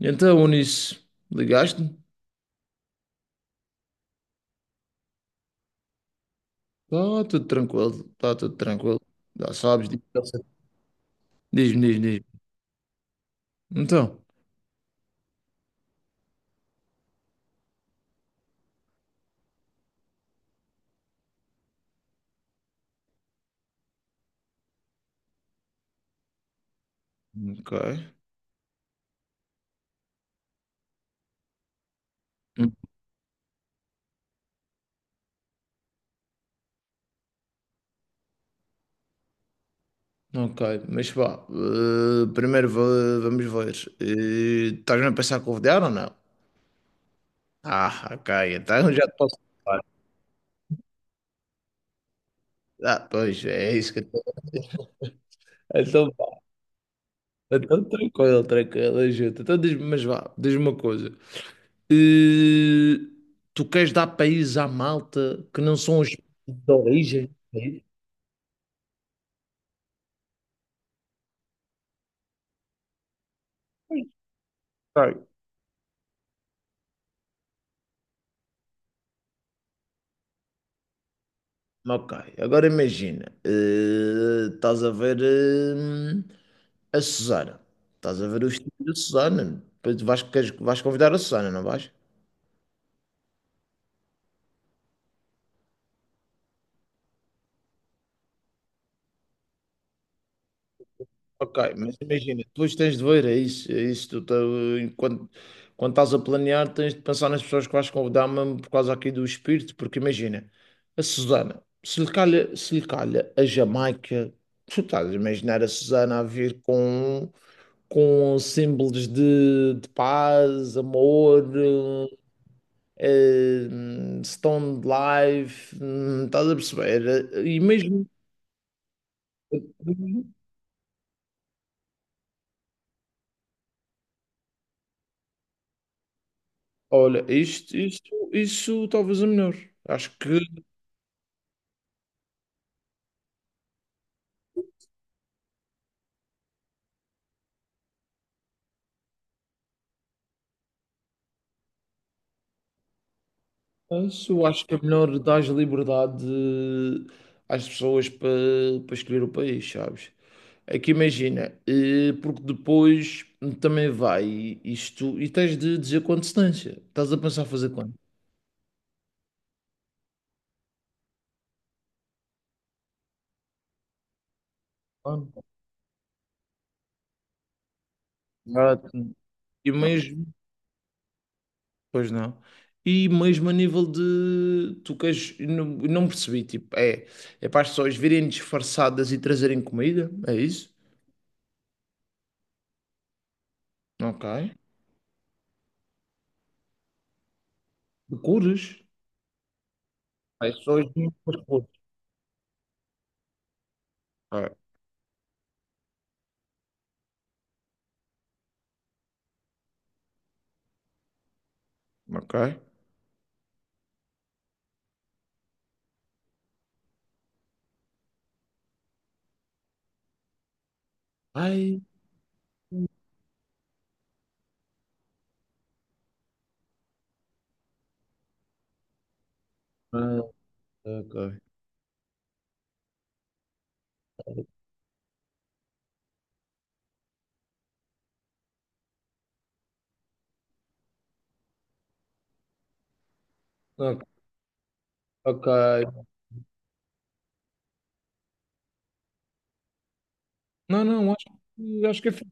Então, Unis, ligaste-me? Está tudo tranquilo, está tudo tranquilo. Já sabes, diz-me. Então, ok. Hum. Ok, mas vá, primeiro vamos ver. Estás-me a pensar convidar ou não? Ah, ok, então já te posso falar. Ah, pois, é isso que eu estou a dizer. Então, vá, então tranquilo, tranquilo, ajuda. Então diz-me, mas vá, diz-me uma coisa. Eh, tu queres dar países à malta que não são os de origem? Pois. Ok. Ok, agora imagina, estás a ver a Susana, estás a ver o estilo da Susana, depois tu vais, vais convidar a Susana, não vais? Ok, mas imagina, depois tens de ver, é isso, tu, tá, enquanto, quando estás a planear, tens de pensar nas pessoas que vais convidar mesmo por causa aqui do espírito, porque imagina, a Susana, se lhe calha a Jamaica, tu estás a imaginar a Susana a vir com símbolos de paz, amor, stone life, estás a perceber? E mesmo olha, isso talvez é melhor. Acho que isso, acho que é melhor dar liberdade às pessoas para escolher o país, sabes? É que imagina, porque depois também vai isto e tens de dizer com antecedência. Estás a pensar fazer quando? Quando? Agora. E mesmo, pois não. E mesmo a nível de tu queres, eu não percebi, tipo, é, é para as pessoas virem disfarçadas e trazerem comida, é isso? Ok. De cores? Ai, só as mesmas cores. Ah, ok. Ai, ah, ok. Ah. Ok. Não, não, acho que é fixe.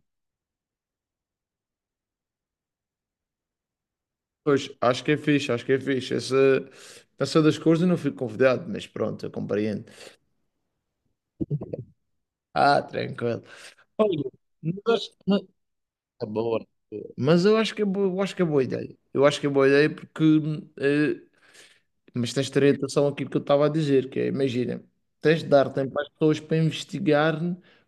Pois, acho que é fixe. Essa das cores eu não fui convidado, mas pronto, eu compreendo. Ah, tranquilo. Olha, mas, acho- mas- tá bom. Mas eu acho que é boa, eu acho que é boa ideia. Eu acho que é boa ideia porque eh, mas tens de ter atenção àquilo que eu estava a dizer, que é, imagina, tens de dar tempo às pessoas para investigar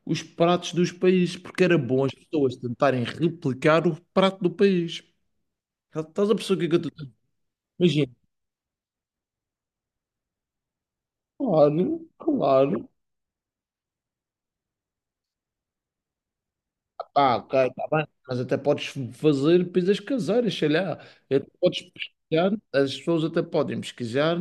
os pratos dos países, porque era bom as pessoas tentarem replicar o prato do país. Estás a pessoa que é que eu estou. Imagina. Claro, claro. Pá, ok, está bem, mas até podes fazer pizzas caseiras, sei lá. Até podes pesquisar, as pessoas até podem pesquisar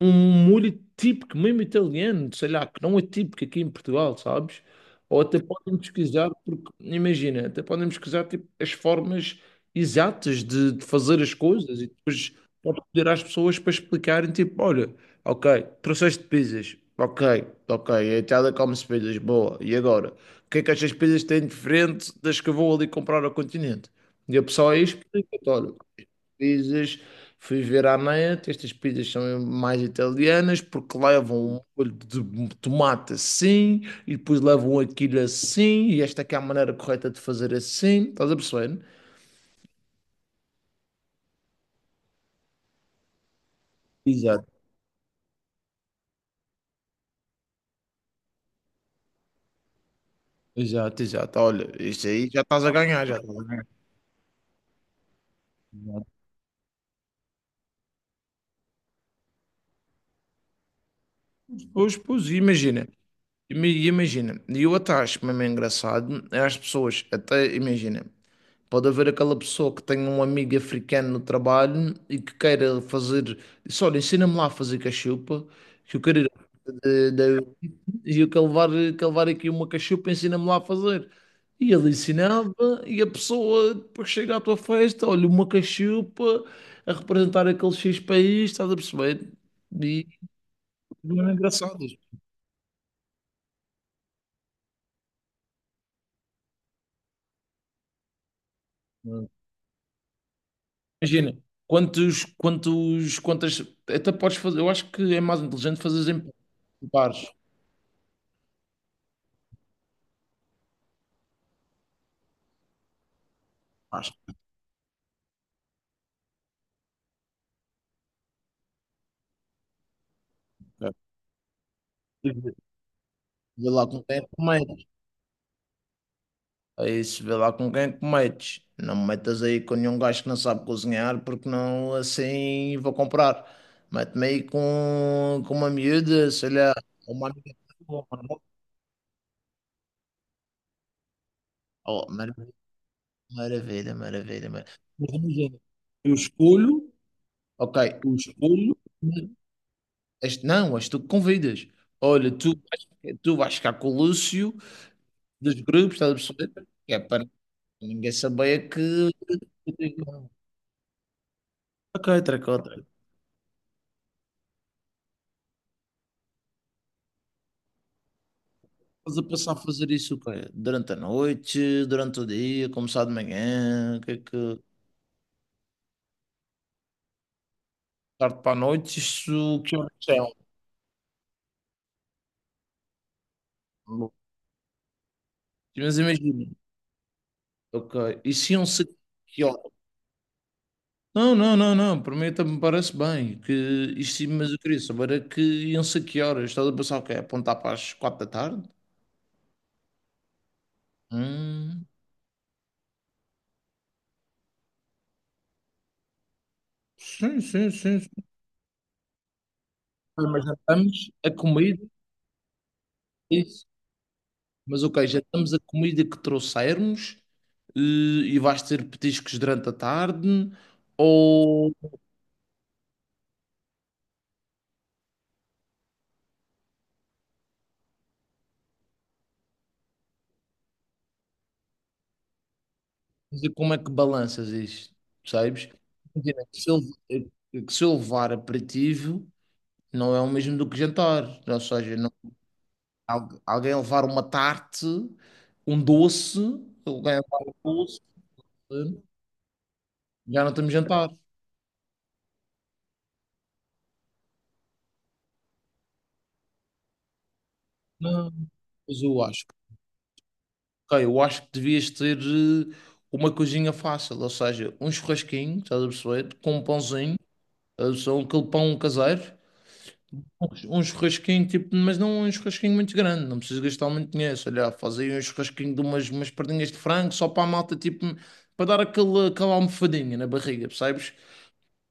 um molho típico, mesmo italiano, sei lá, que não é típico aqui em Portugal, sabes? Ou até podem pesquisar, porque imagina, até podem pesquisar tipo, as formas exatas de fazer as coisas e depois podes pedir às pessoas para explicarem, tipo, olha, ok, trouxeste pizzas, ok, ok, a Itália come-se pizzas, boa, e agora? O que é que as despesas têm diferente das que eu vou ali comprar ao continente? E a pessoa aí explica, olha, pizzas, fui ver à net, estas pizzas são mais italianas porque levam um molho de tomate assim, e depois levam aquilo assim, e esta aqui é a maneira correta de fazer assim, estás a perceber? Exato, exato. Olha, isto aí já estás a ganhar, já estás a ganhar. Pois, pois, imagina. Imagina, e eu até acho mesmo engraçado é as pessoas, até imagina, pode haver aquela pessoa que tem um amigo africano no trabalho e que queira fazer. Disse, olha, ensina-me lá a fazer cachupa, que eu quero ir. de- de- E eu quero levar aqui uma cachupa, ensina-me lá a fazer. E ele ensinava, e a pessoa depois chega à tua festa, olha, uma cachupa a representar aquele X país, estás a perceber? E não é engraçado. Imagina, quantas. Até podes fazer, eu acho que é mais inteligente fazer em pares. É. E vê lá com quem cometes. É isso, vê lá com quem cometes. Não me metas aí com nenhum gajo que não sabe cozinhar, porque não assim vou comprar. Mete-me aí com uma miúda, sei lá, uma amiga. Tua, uma namorada. Oh, maravilha, maravilha, maravilha. Mas imagina, eu escolho, ok, eu escolho, este, não, és tu que convidas. Olha, tu vais ficar com o Lúcio dos grupos, estás a perceber? Que é para ninguém saber que. Ok, treco, Tracó. Estás a passar a fazer isso o quê? Durante a noite, durante o dia, começar de manhã, o que é que. Tarde para a noite, isso que horas são? Mas imagina, ok, E se um se que horas? Não, não, não, não, para mim também me parece bem, que isto, mas eu queria saber é que iam ser que horas? Estás a pensar o quê? Apontar para as quatro da tarde? Hum, sim, sim, sim, sim. Ah, mas já estamos a comida, é isso. Mas ok, já estamos a comida que trouxermos. E e vais ter petiscos durante a tarde ou quer dizer, como é que balanças isto, sabes? Imagina que se eu levar aperitivo não é o mesmo do que jantar, ou seja, alguém levar uma tarte, um doce, alguém levar um doce, eh, já não estamos a jantar. Não, mas eu acho, que- ok, eu acho que devias ter uma coisinha fácil, ou seja, um churrasquinho, estás a perceber, com um pãozinho, estás a perceber, aquele pão caseiro. Um churrasquinho, tipo, mas não um churrasquinho muito grande, não precisas gastar muito dinheiro. Sei lá, faz aí um churrasquinho de umas perninhas de frango só para a malta, tipo, para dar aquele, aquela almofadinha na barriga, percebes?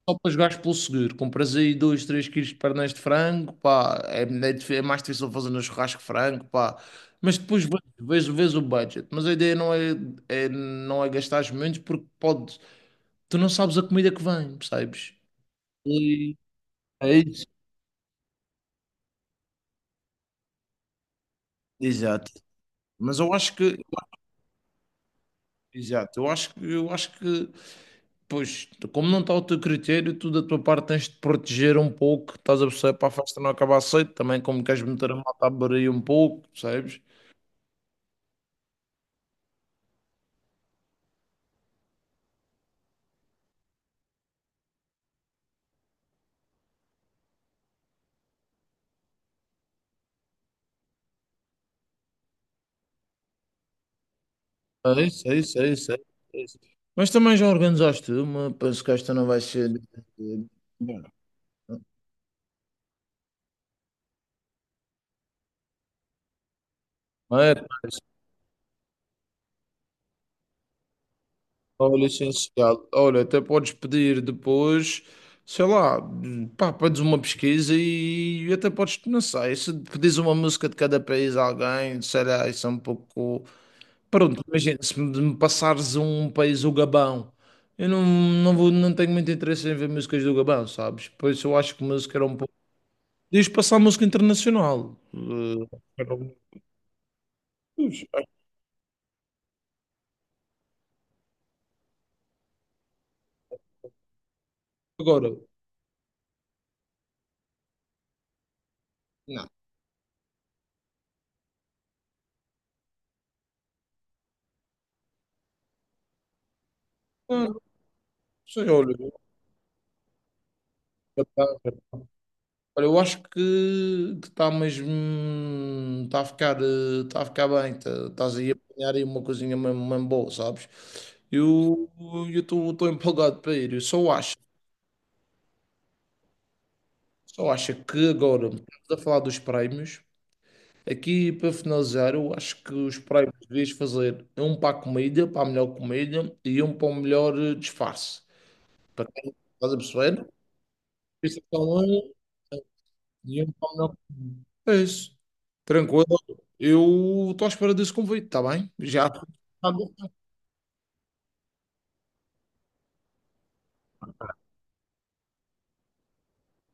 Só para jogares pelo seguro. Compras aí 2, 3 quilos de pernas de frango, pá, é mais difícil fazer no churrasco frango, pá. Mas depois vês o budget. Mas a ideia não é, não é gastares muito porque pode, tu não sabes a comida que vem, percebes? E é isso. Exato. Mas eu acho que exato, eu acho que, pois, como não está ao teu critério, tu da tua parte tens de proteger um pouco, estás a perceber, para a festa não acabar cedo, também como queres meter a malta a beber aí um pouco, percebes? É isso. Mas também já organizaste uma, penso que esta não vai ser... Bom, não é? Ó, licenciado, olha, até podes pedir depois, sei lá, pá, pedes uma pesquisa e até podes, não sei, se pedires uma música de cada país a alguém, sei lá, isso é um pouco. Pronto, imagina, se me passares um país, o Gabão, eu não, não vou, não tenho muito interesse em ver músicas do Gabão, sabes? Por isso eu acho que música era um pouco. Diz passar música internacional. Era um- Agora, não, não, sei, olha, olha, eu acho que está mesmo. Está a ficar, tá a ficar bem. Estás aí a apanhar aí uma coisinha mesmo, mesmo boa, sabes? Eu eu estou empolgado para ir. Eu só acho que agora, estamos a falar dos prémios. Aqui para finalizar, eu acho que os prémios devias fazer um para a comida, para a melhor comida, e um para o melhor disfarce. Para quem estás a perceber? E eu como não. É isso. Tranquilo. Eu estou à espera desse convite, está bem? Já. Tá bom.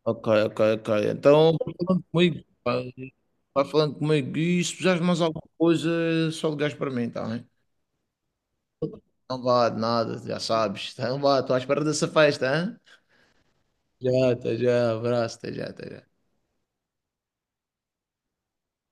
Ok, ok, ok. Então, vai falando comigo. Vai falando comigo. E se precisares de mais alguma coisa, é só ligares para mim, está bem? Não vá de nada, já sabes. Então vá, estou à espera dessa festa, hein? Já, até já. Abraço, até já, até já.